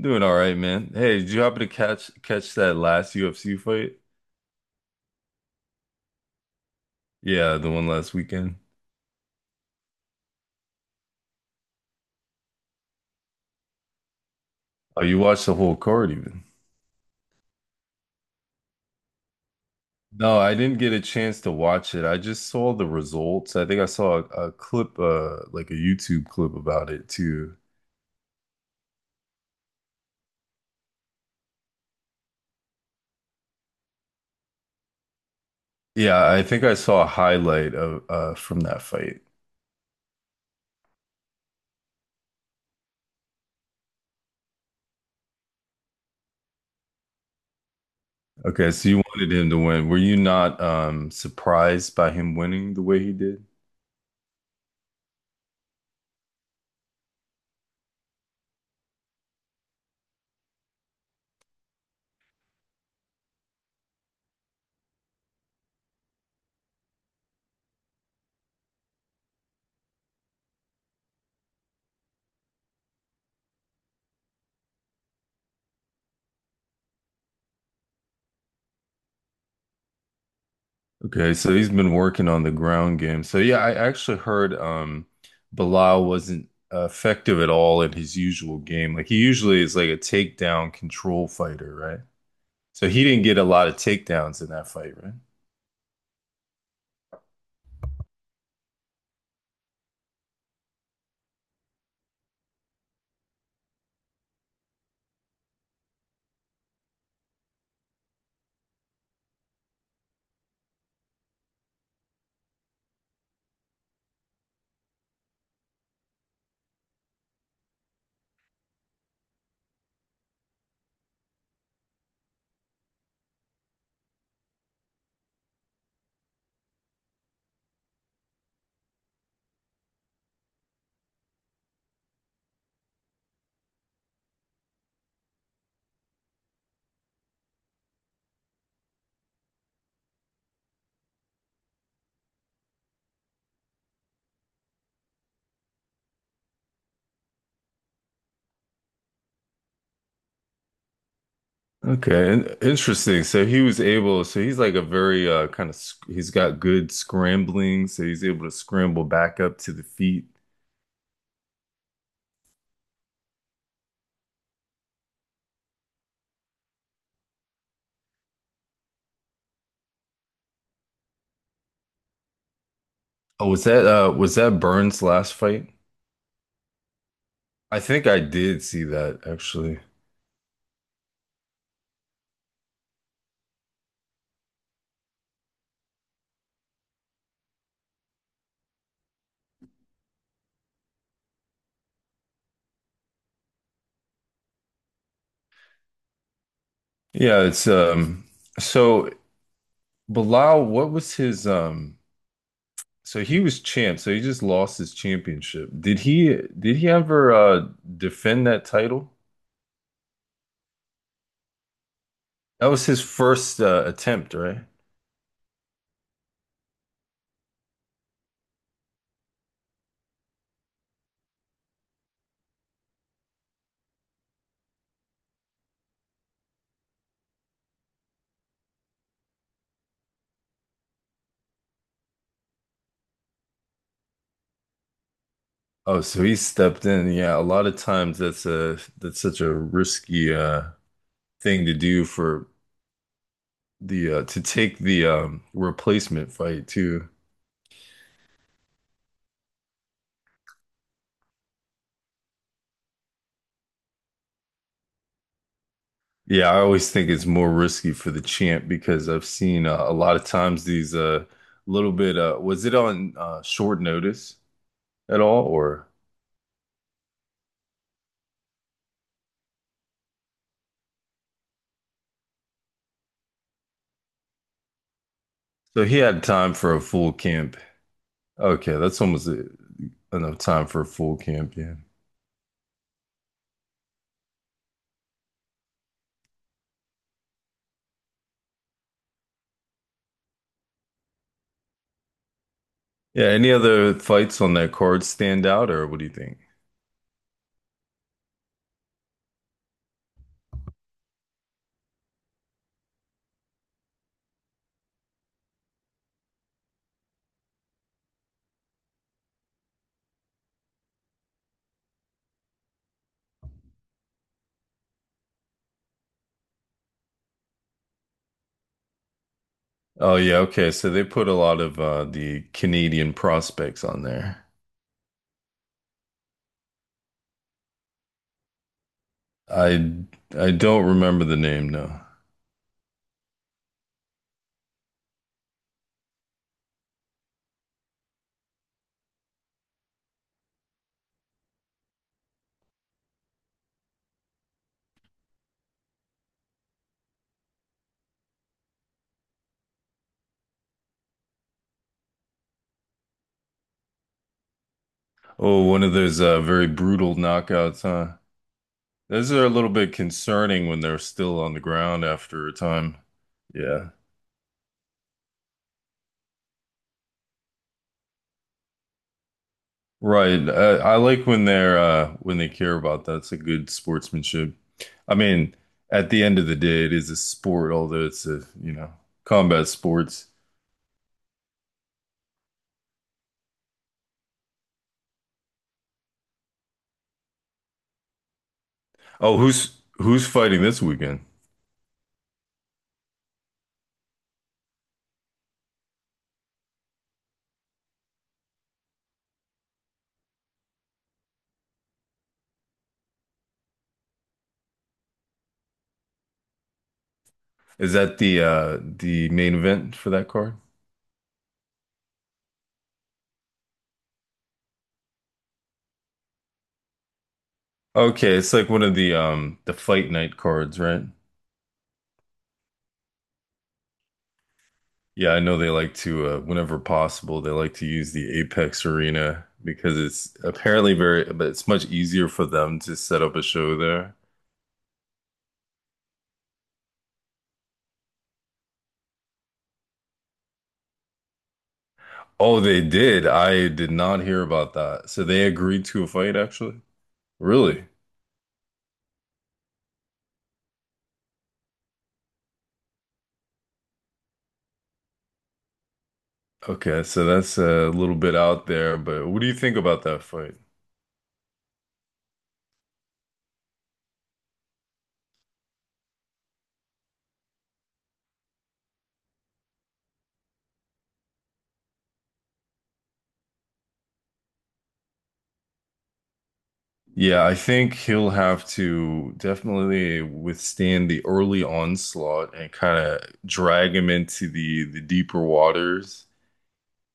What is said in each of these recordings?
Doing all right, man. Hey, did you happen to catch that last UFC fight? Yeah, the one last weekend. Oh, you watched the whole card even. No, I didn't get a chance to watch it. I just saw the results. I think I saw a clip, like a YouTube clip about it too. Yeah, I think I saw a highlight of from that fight. Okay, so you wanted him to win. Were you not surprised by him winning the way he did? Okay, so he's been working on the ground game. So yeah, I actually heard Bilal wasn't effective at all in his usual game. Like he usually is like a takedown control fighter, right? So he didn't get a lot of takedowns in that fight, right? Okay, interesting. So he was able, so he's like a very kind of sc he's got good scrambling, so he's able to scramble back up to the feet. Oh, was that Burns' last fight? I think I did see that actually. Yeah, it's so Bilal, what was his so he was champ, so he just lost his championship. Did he ever defend that title? That was his first attempt, right? Oh, so he stepped in. Yeah, a lot of times that's a that's such a risky thing to do for the to take the replacement fight too. Yeah, I always think it's more risky for the champ because I've seen a lot of times these little bit was it on short notice? At all, or so he had time for a full camp. Okay, that's almost enough time for a full camp. Yeah, yeah. Any other fights on that card stand out, or what do you think? Oh yeah, okay. So they put a lot of the Canadian prospects on there. I I don't remember the name, no. Oh, one of those very brutal knockouts, huh? Those are a little bit concerning when they're still on the ground after a time. Yeah. Right. I like when they're when they care about that. It's a good sportsmanship. I mean, at the end of the day, it is a sport, although it's a, you know, combat sports. Oh, who's fighting this weekend? Is that the main event for that card? Okay, it's like one of the fight night cards, right? Yeah, I know they like to whenever possible, they like to use the Apex Arena because it's apparently very, but it's much easier for them to set up a show there. Oh, they did. I did not hear about that. So they agreed to a fight, actually? Really? Okay, so that's a little bit out there, but what do you think about that fight? Yeah, I think he'll have to definitely withstand the early onslaught and kind of drag him into the deeper waters.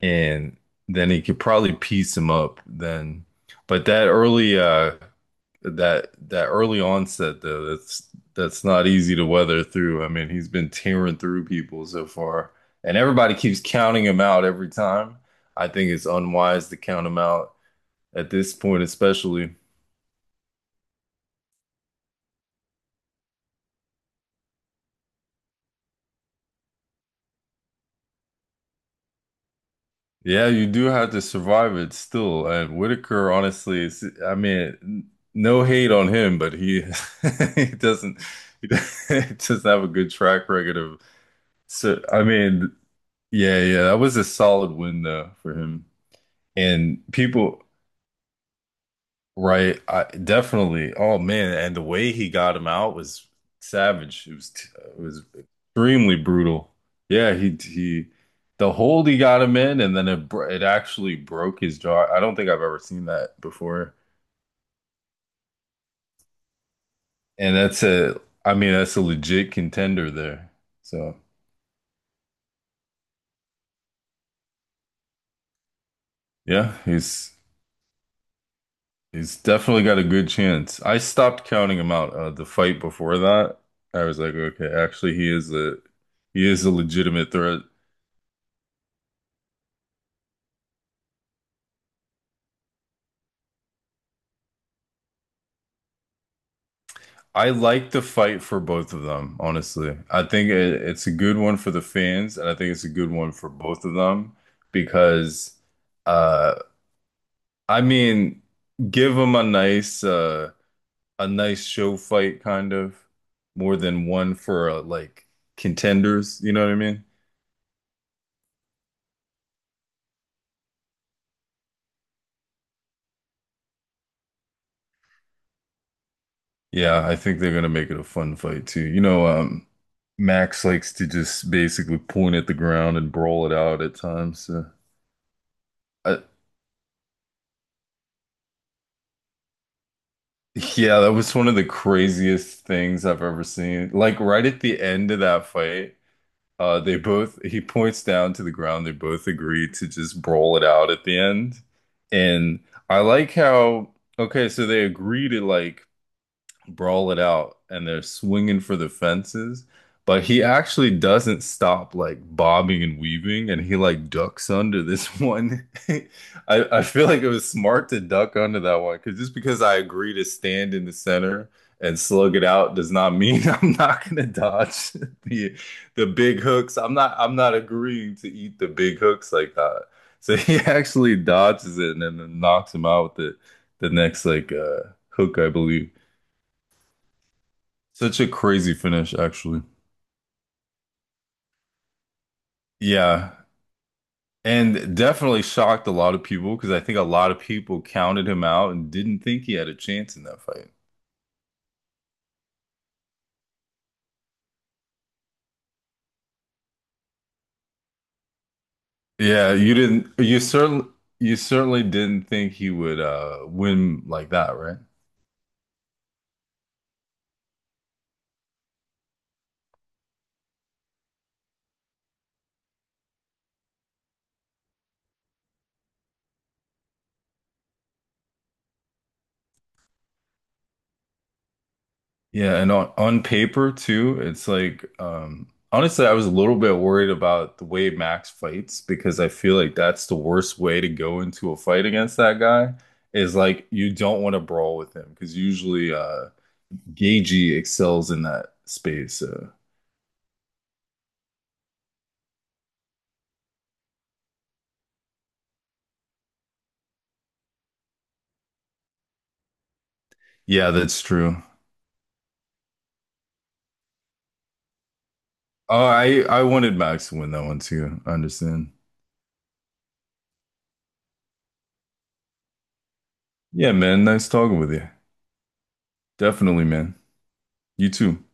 And then he could probably piece him up then. But that early that early onset though, that's not easy to weather through. I mean, he's been tearing through people so far, and everybody keeps counting him out every time. I think it's unwise to count him out at this point, especially. Yeah, you do have to survive it still. And Whitaker, honestly, is, I mean, no hate on him, but he he doesn't he doesn't have a good track record of. So I mean, yeah, yeah, that was a solid win though for him. And people, right, I definitely. Oh man, and the way he got him out was savage. It was it was extremely brutal. Yeah, he the hold he got him in and then it actually broke his jaw. I don't think I've ever seen that before. And that's a I mean that's a legit contender there. So, yeah, he's definitely got a good chance. I stopped counting him out the fight before that. I was like, okay, actually he is a legitimate threat. I like the fight for both of them, honestly. I think it's a good one for the fans, and I think it's a good one for both of them because, uh, I mean, give them a nice show fight kind of more than one for like contenders. You know what I mean? Yeah, I think they're gonna make it a fun fight too. You know, Max likes to just basically point at the ground and brawl it out at times. So I, yeah, that was one of the craziest things I've ever seen. Like right at the end of that fight, they both he points down to the ground, they both agree to just brawl it out at the end. And I like how okay, so they agree to like brawl it out and they're swinging for the fences but he actually doesn't stop like bobbing and weaving and he like ducks under this one I feel like it was smart to duck under that one because just because I agree to stand in the center and slug it out does not mean I'm not gonna dodge the the big hooks. I'm not agreeing to eat the big hooks like that so he actually dodges it and then knocks him out with the next like hook I believe such a crazy finish, actually. Yeah. And definitely shocked a lot of people because I think a lot of people counted him out and didn't think he had a chance in that fight. Yeah, you certainly didn't think he would win like that, right? Yeah, and on paper too, it's like honestly I was a little bit worried about the way Max fights because I feel like that's the worst way to go into a fight against that guy is like you don't want to brawl with him because usually Gagey excels in that space. So yeah, that's true. Oh, I wanted Max to win that one too. I understand. Yeah, man. Nice talking with you. Definitely, man. You too.